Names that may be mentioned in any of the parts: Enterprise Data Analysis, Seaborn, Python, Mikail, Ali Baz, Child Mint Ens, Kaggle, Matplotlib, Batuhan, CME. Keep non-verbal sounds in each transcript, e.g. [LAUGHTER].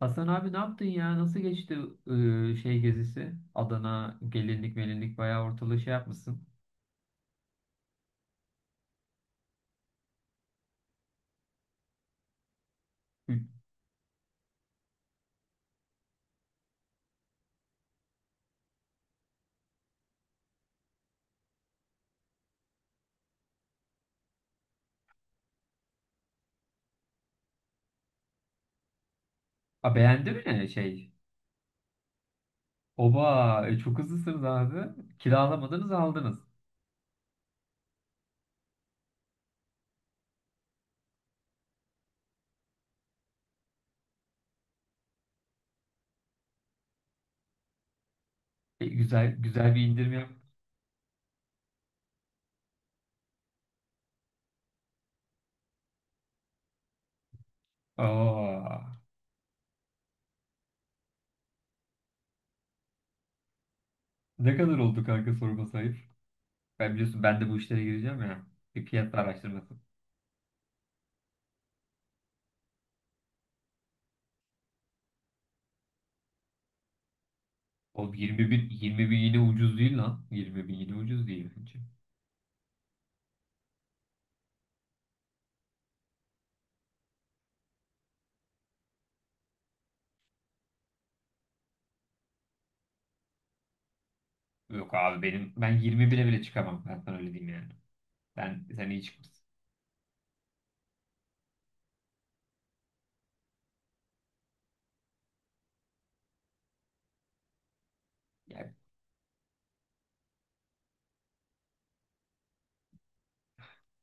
Hasan abi ne yaptın ya? Nasıl geçti şey gezisi? Adana gelinlik melinlik bayağı ortalığı şey yapmışsın. Hı. A, beğendi mi şey? Oba çok hızlısınız abi. Kiralamadınız aldınız. E, güzel güzel bir indirim yap. Aa, ne kadar oldu kanka sorma sayıp? Ben biliyorsun ben de bu işlere gireceğim ya. Bir fiyat araştırması. Oğlum 20 bin, 20 bin yine ucuz değil lan. 20 bin yine ucuz değil bence. Yok abi benim ben 20 bile bile çıkamam. Ben sana öyle diyeyim yani. Ben sen iyi çıkmışsın.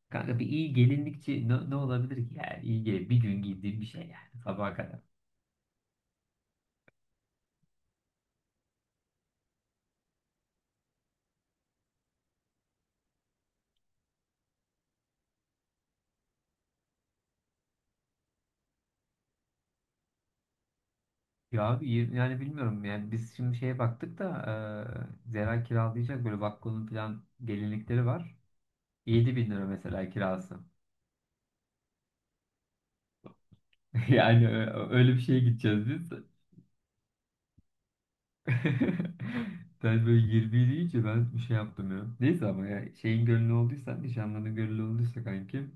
Kanka bir iyi gelinlikçi ne, ne olabilir ki yani iyi gel bir gün giydiğim bir şey yani sabaha kadar. Ya abi yani bilmiyorum yani biz şimdi şeye baktık da Zera kiralayacak böyle Vakko'nun falan gelinlikleri var. 7.000 bin lira mesela kirası. [LAUGHS] Yani öyle bir şeye gideceğiz biz. [LAUGHS] Sen böyle 20 deyince ben bir şey yaptım ya. Neyse ama ya şeyin gönlü olduysa nişanlının gönlü olduysa kanki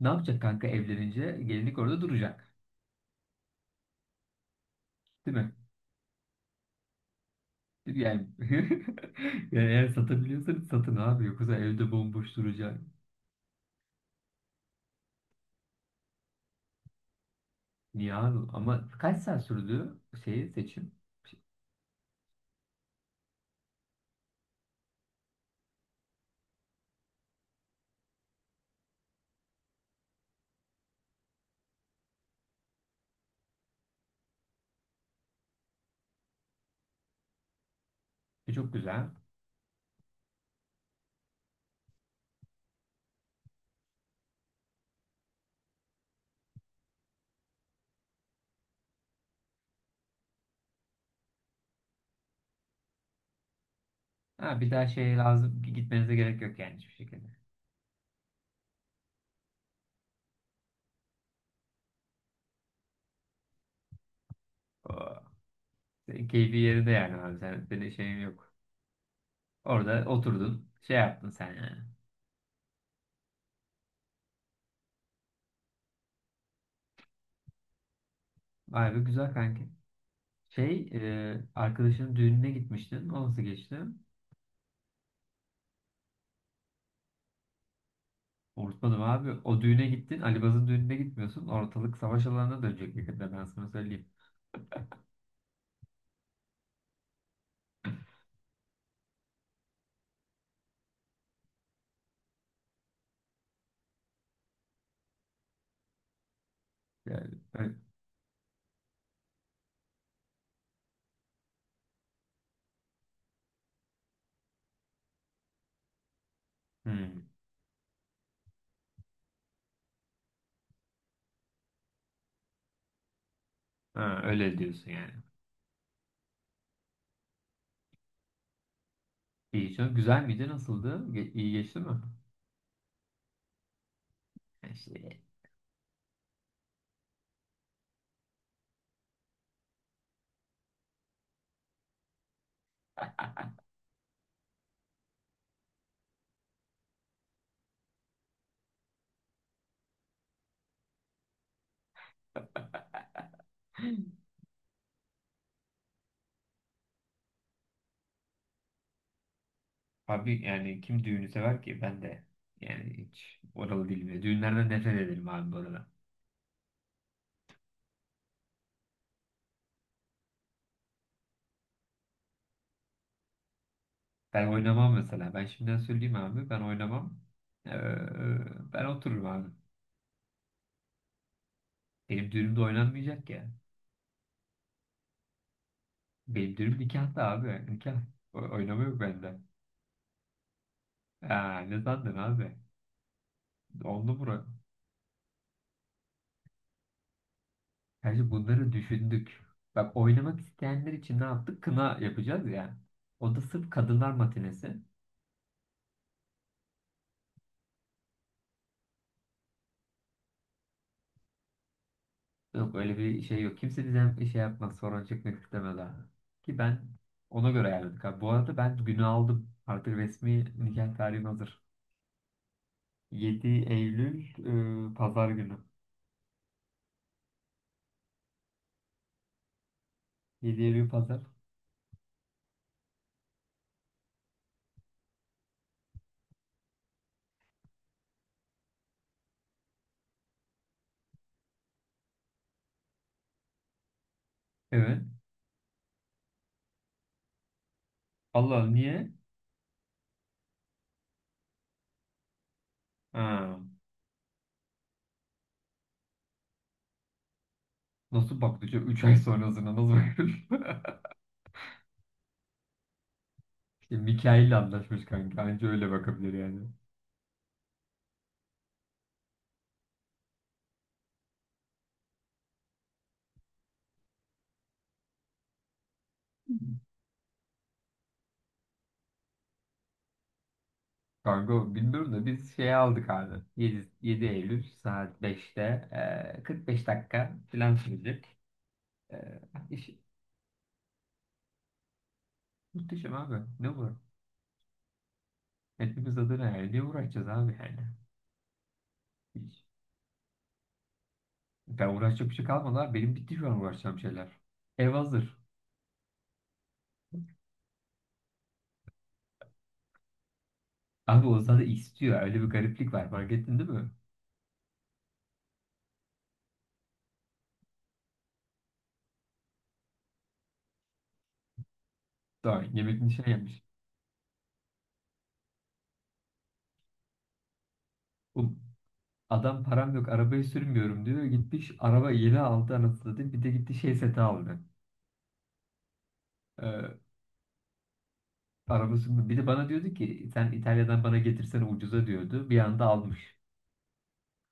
ne yapacak kanka evlenince gelinlik orada duracak. Değil mi? Yani, [LAUGHS] yani eğer satabiliyorsanız satın abi. Yoksa evde bomboş duracak. Niye abi? Ama kaç saat sürdü şeyi seçim? E, çok güzel. Ha, bir daha şey lazım. Gitmenize gerek yok yani hiçbir şekilde. Oo. Senin keyfi yerinde yani abi. Senin şeyin yok. Orada oturdun. Şey yaptın sen yani. Vay be güzel kanki. Şey arkadaşının düğününe gitmiştin. O nasıl geçti? Unutmadım abi. O düğüne gittin. Ali Baz'ın düğününe gitmiyorsun. Ortalık savaş alanına dönecek yakında ben sana söyleyeyim. Yani, öyle, Hmm. Ha, öyle diyorsun yani. İyi çok güzel miydi? Nasıldı? İyi geçti mi? İşte. [LAUGHS] Abi yani kim düğünü sever ki? Ben de yani hiç oralı değilim ya. Düğünlerden nefret ederim abi bu arada. Ben oynamam mesela. Ben şimdiden söyleyeyim abi. Ben oynamam. Ee, ben otururum abi. Benim düğünümde oynanmayacak ya. Benim düğünüm nikahta abi. Nikah. Oynama yok bende. Aa, ne sandın abi? Oldu bura. Gerçi bunları düşündük. Bak oynamak isteyenler için ne yaptık? Kına yapacağız ya. O da sırf kadınlar matinesi. Yok öyle bir şey yok. Kimse bizden bir şey yapmaz. Sorun çekmek istemez abi. Ki ben ona göre ayarladık abi. Bu arada ben günü aldım. Artık resmi nikah tarihim hazır. 7 Eylül pazar günü. 7 Eylül pazar. Evet. Allah Allah, niye? Ha. Nasıl baktı? 3 ay sonrasına nasıl bakıyor? [LAUGHS] İşte Mikail'le anlaşmış kanka. Anca öyle bakabilir yani. Kargo bilmiyorum da biz şey aldık abi. 7, 7 Eylül saat 5'te 45 dakika falan sürecek. E, iş, muhteşem abi. Ne bu? Hepimiz adına yani. Ne uğraşacağız abi yani? Hiç. Ben uğraşacak bir şey kalmadı abi. Benim bitti şu an uğraşacağım şeyler. Ev hazır. Abi o zaten istiyor. Öyle bir gariplik var. Fark ettin değil mi? Daha yemekini şey yapmış. Oğlum, adam param yok arabayı sürmüyorum diyor. Gitmiş araba yeni aldı anasını satayım. Bir de gitti şey seti aldı. Arabası bir de bana diyordu ki sen İtalya'dan bana getirsene ucuza diyordu. Bir anda almış.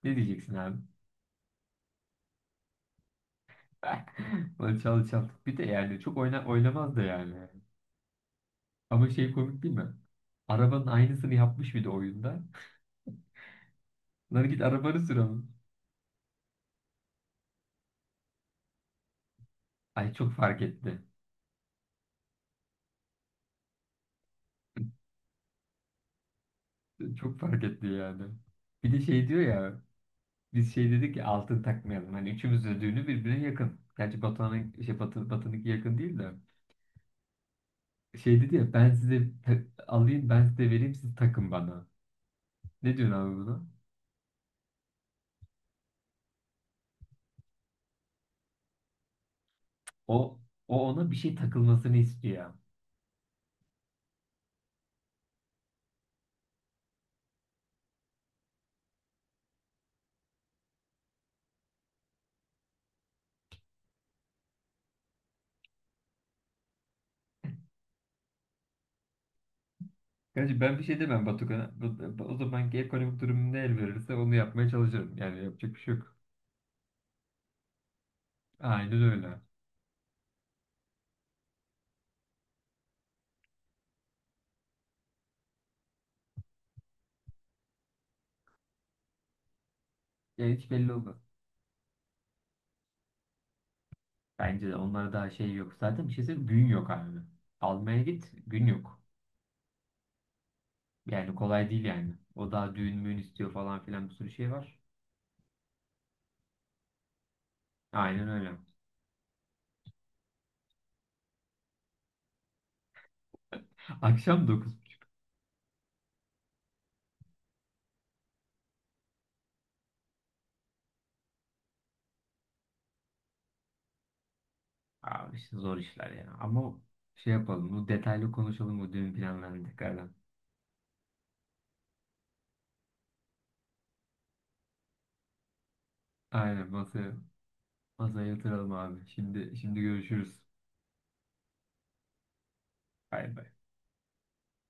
Ne diyeceksin abi? [LAUGHS] Böyle çalı çal. Bir de yani çok oynamaz da yani. Ama şey komik değil mi? Arabanın aynısını yapmış bir de oyunda. Lan git arabanı sür ama. Ay çok fark etti. Çok fark etti yani. Bir de şey diyor ya. Biz şey dedik ki altın takmayalım. Hani üçümüz de düğünü birbirine yakın. Gerçi Batuhan'ın şey Batı'nınki yakın değil de. Şey dedi ya ben size alayım ben size vereyim siz takın bana. Ne diyorsun abi buna? O, o ona bir şey takılmasını istiyor. Gerçi ben bir şey demem Batukan'a. O zamanki ekonomik durum ne el verirse onu yapmaya çalışırım. Yani yapacak bir şey yok. Aynen öyle. Ya hiç belli olmaz. Bence de onlara daha şey yok. Zaten bir şey söyleyeyim gün yok abi. Almaya git gün yok. Yani kolay değil yani. O daha düğün müğün istiyor falan filan bir sürü şey var. Aynen öyle. Akşam 9. Abi işte zor işler ya. Ama şey yapalım. Bu detaylı konuşalım bu düğün planlarını tekrardan. Aynen masaya. Masaya yatıralım abi. Şimdi görüşürüz. Bay bay.